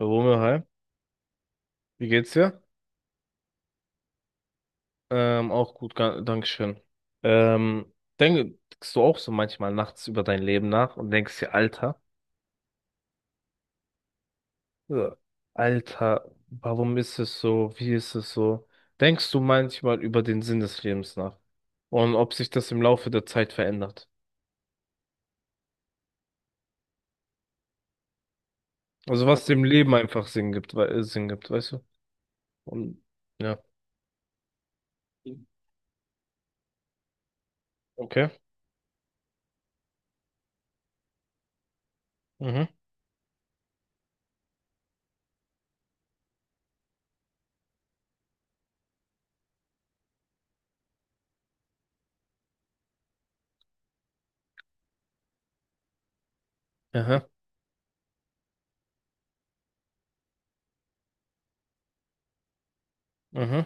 Romeo, hi. Wie geht's dir? Auch gut, Dankeschön. Ähm, denkst du auch so manchmal nachts über dein Leben nach und denkst dir, Alter, ja, Alter, warum ist es so? Wie ist es so? Denkst du manchmal über den Sinn des Lebens nach und ob sich das im Laufe der Zeit verändert? Also was dem Leben einfach Sinn gibt, Sinn gibt, weißt du? Und ja, okay. Mhm. Aha. Mhm.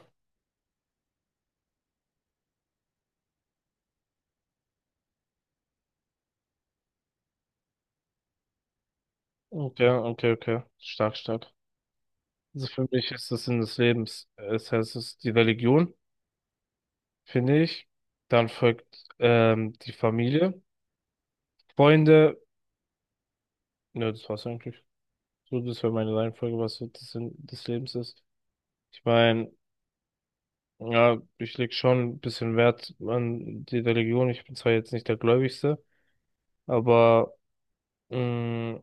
Okay, okay, okay. Stark, stark. Also für mich ist das Sinn des Lebens. Es heißt, es ist die Religion, finde ich. Dann folgt die Familie, Freunde. Ne, das war's eigentlich. So, das wäre meine Reihenfolge, was so das Sinn des Lebens ist. Ich meine, ja, ich leg schon ein bisschen Wert an die Religion. Ich bin zwar jetzt nicht der Gläubigste, aber mh,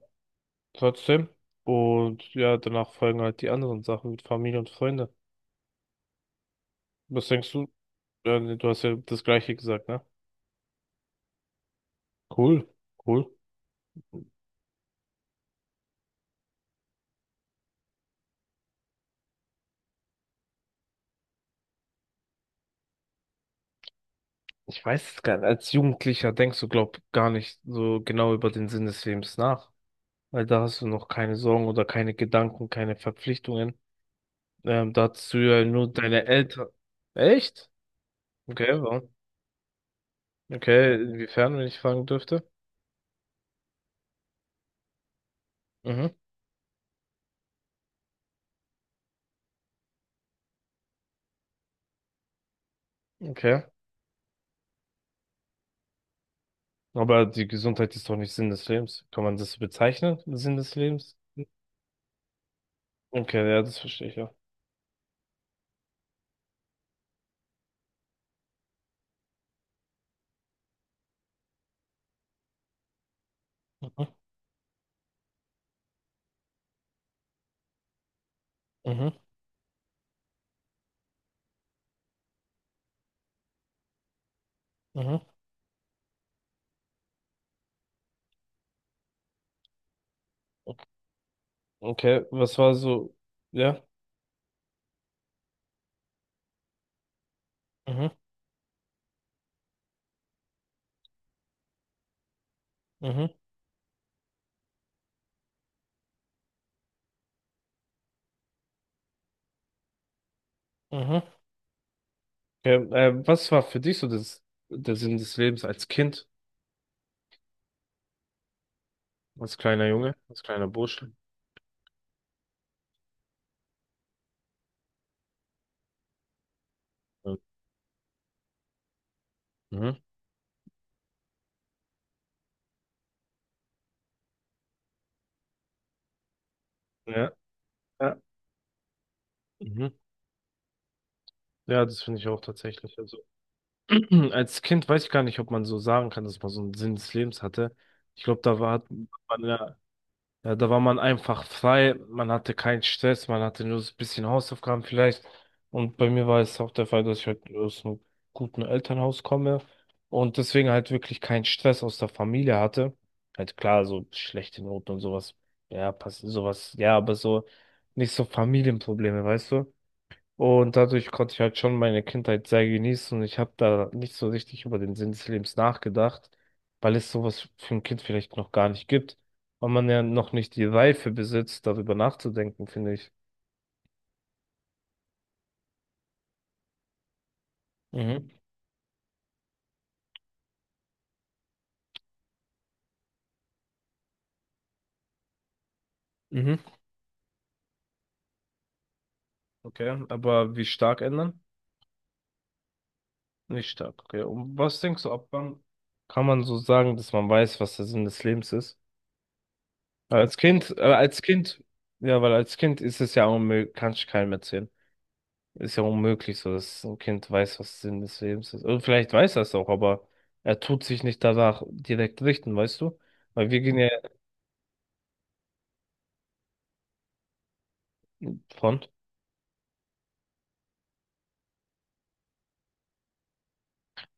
trotzdem. Und ja, danach folgen halt die anderen Sachen mit Familie und Freunde. Was denkst du? Du hast ja das Gleiche gesagt, ne? Cool, cool. Ich weiß es gar nicht. Als Jugendlicher denkst du, glaub, gar nicht so genau über den Sinn des Lebens nach. Weil da hast du noch keine Sorgen oder keine Gedanken, keine Verpflichtungen. Da hast du ja nur deine Eltern. Echt? Okay, warum? Okay, inwiefern, wenn ich fragen dürfte? Mhm. Okay. Aber die Gesundheit ist doch nicht Sinn des Lebens. Kann man das so bezeichnen? Sinn des Lebens? Okay, ja, das verstehe ich ja. Mhm. Mhm. Mhm. Okay, was war so? Ja. Mhm. Mhm. Mhm. Ja, was war für dich so das, der Sinn des Lebens als Kind, als kleiner Junge, als kleiner Bursche? Ja. Mhm. Ja, ja. Mhm. Ja, das finde ich auch tatsächlich. Also, als Kind weiß ich gar nicht, ob man so sagen kann, dass man so einen Sinn des Lebens hatte. Ich glaube, da war, hat man ja. Ja, da war man einfach frei, man hatte keinen Stress, man hatte nur so ein bisschen Hausaufgaben vielleicht. Und bei mir war es auch der Fall, dass ich halt aus einem guten Elternhaus komme und deswegen halt wirklich keinen Stress aus der Familie hatte. Halt klar, so schlechte Noten und sowas, ja, passiert sowas, ja, aber so nicht so Familienprobleme, weißt du? Und dadurch konnte ich halt schon meine Kindheit sehr genießen und ich habe da nicht so richtig über den Sinn des Lebens nachgedacht, weil es sowas für ein Kind vielleicht noch gar nicht gibt und man ja noch nicht die Reife besitzt, darüber nachzudenken, finde ich. Mhm. Mhm. Okay, aber wie stark ändern? Nicht stark, okay. Und was denkst du, ab wann kann man so sagen, dass man weiß, was der Sinn des Lebens ist? Weil als Kind, ja, weil als Kind ist es ja unmöglich, kannst du keinem erzählen. Ist ja unmöglich so, dass ein Kind weiß, was Sinn des Lebens ist. Oder vielleicht weiß er es auch, aber er tut sich nicht danach direkt richten, weißt du? Weil wir gehen ja von.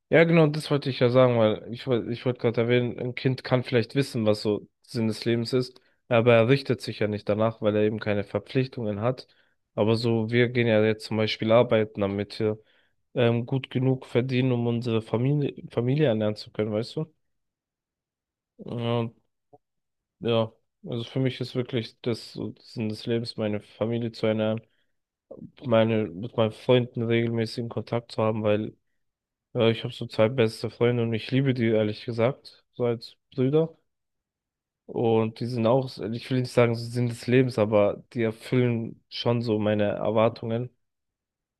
Ja, genau, das wollte ich ja sagen, weil ich wollte gerade erwähnen, ein Kind kann vielleicht wissen, was so Sinn des Lebens ist, aber er richtet sich ja nicht danach, weil er eben keine Verpflichtungen hat. Aber so, wir gehen ja jetzt zum Beispiel arbeiten, damit wir gut genug verdienen, um unsere Familie ernähren zu können, weißt du? Ja, ja, also für mich ist wirklich das so das Sinn des Lebens, meine Familie zu ernähren, meine, mit meinen Freunden regelmäßigen Kontakt zu haben, weil ja, ich habe so zwei beste Freunde und ich liebe die, ehrlich gesagt, so als Brüder. Und die sind auch, ich will nicht sagen, so Sinn des Lebens, aber die erfüllen schon so meine Erwartungen.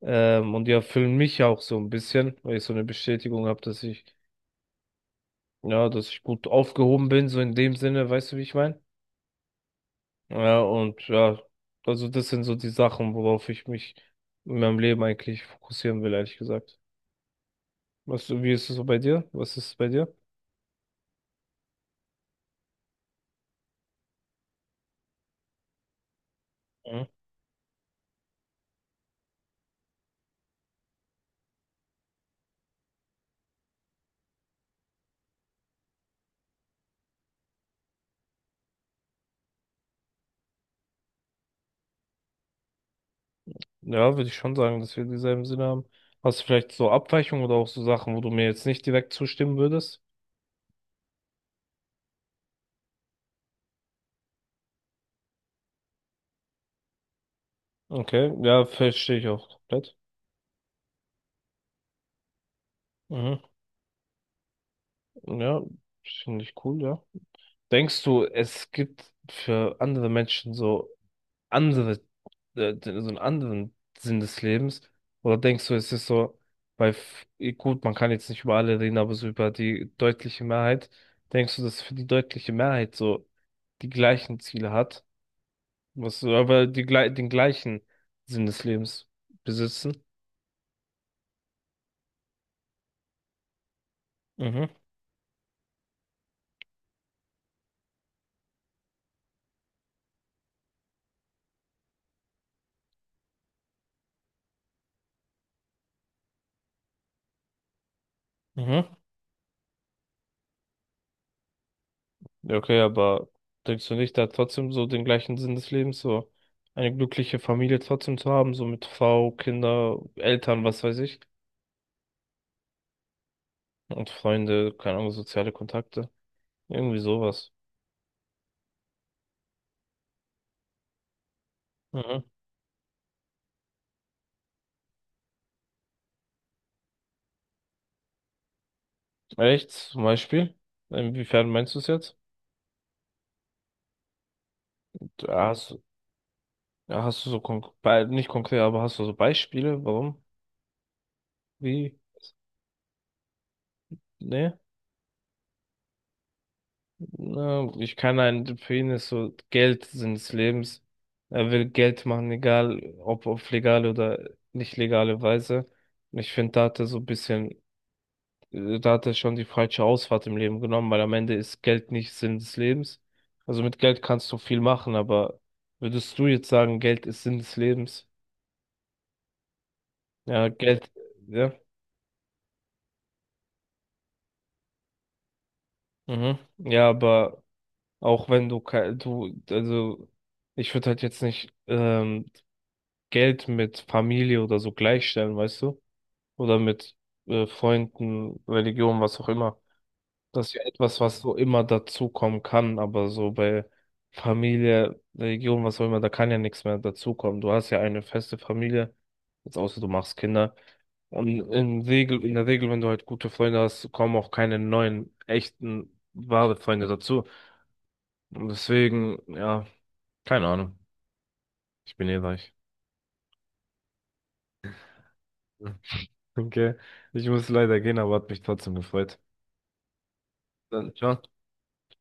Und die erfüllen mich auch so ein bisschen, weil ich so eine Bestätigung habe, ja, dass ich gut aufgehoben bin, so in dem Sinne, weißt du, wie ich meine? Ja, und ja, also das sind so die Sachen, worauf ich mich in meinem Leben eigentlich fokussieren will, ehrlich gesagt. Was, wie ist es so bei dir? Was ist es bei dir? Mhm. Ja, würde ich schon sagen, dass wir dieselben Sinne haben. Hast du vielleicht so Abweichungen oder auch so Sachen, wo du mir jetzt nicht direkt zustimmen würdest? Okay, ja, verstehe ich auch komplett. Mhm. Ja, finde ich cool, ja. Denkst du, es gibt für andere Menschen so andere, so einen anderen Sinn des Lebens? Oder denkst du, es ist so, bei, f- gut, man kann jetzt nicht über alle reden, aber so über die deutliche Mehrheit, denkst du, dass für die deutliche Mehrheit so die gleichen Ziele hat? Was, so, aber den gleichen Sinn des Lebens besitzen? Mhm, mhm. Ja, okay, aber denkst du nicht, da trotzdem so den gleichen Sinn des Lebens, so eine glückliche Familie trotzdem zu haben, so mit Frau, Kinder, Eltern, was weiß ich? Und Freunde, keine Ahnung, soziale Kontakte. Irgendwie sowas. Mhm. Echt? Zum Beispiel? Inwiefern meinst du es jetzt? Ja, ja, hast du so nicht konkret, aber hast du so Beispiele? Warum? Wie? Ne? Na, ich kann einen, für ihn ist so Geld Sinn des Lebens. Er will Geld machen, egal ob auf legale oder nicht legale Weise. Und ich finde, da hat er so ein bisschen da hat er schon die falsche Ausfahrt im Leben genommen, weil am Ende ist Geld nicht Sinn des Lebens. Also mit Geld kannst du viel machen, aber würdest du jetzt sagen, Geld ist Sinn des Lebens? Ja, Geld, ja, mhm. Ja, aber auch wenn du, kei- du, also ich würde halt jetzt nicht Geld mit Familie oder so gleichstellen, weißt du? Oder mit Freunden, Religion, was auch immer. Das ist ja etwas, was so immer dazukommen kann, aber so bei Familie, Religion, was auch immer, da kann ja nichts mehr dazukommen. Du hast ja eine feste Familie, jetzt außer du machst Kinder. Und in der Regel, wenn du halt gute Freunde hast, kommen auch keine neuen, echten, wahre Freunde dazu. Und deswegen, ja, keine Ahnung. Ich bin eh reich. Okay, ich muss leider gehen, aber hat mich trotzdem gefreut. Dann, ciao.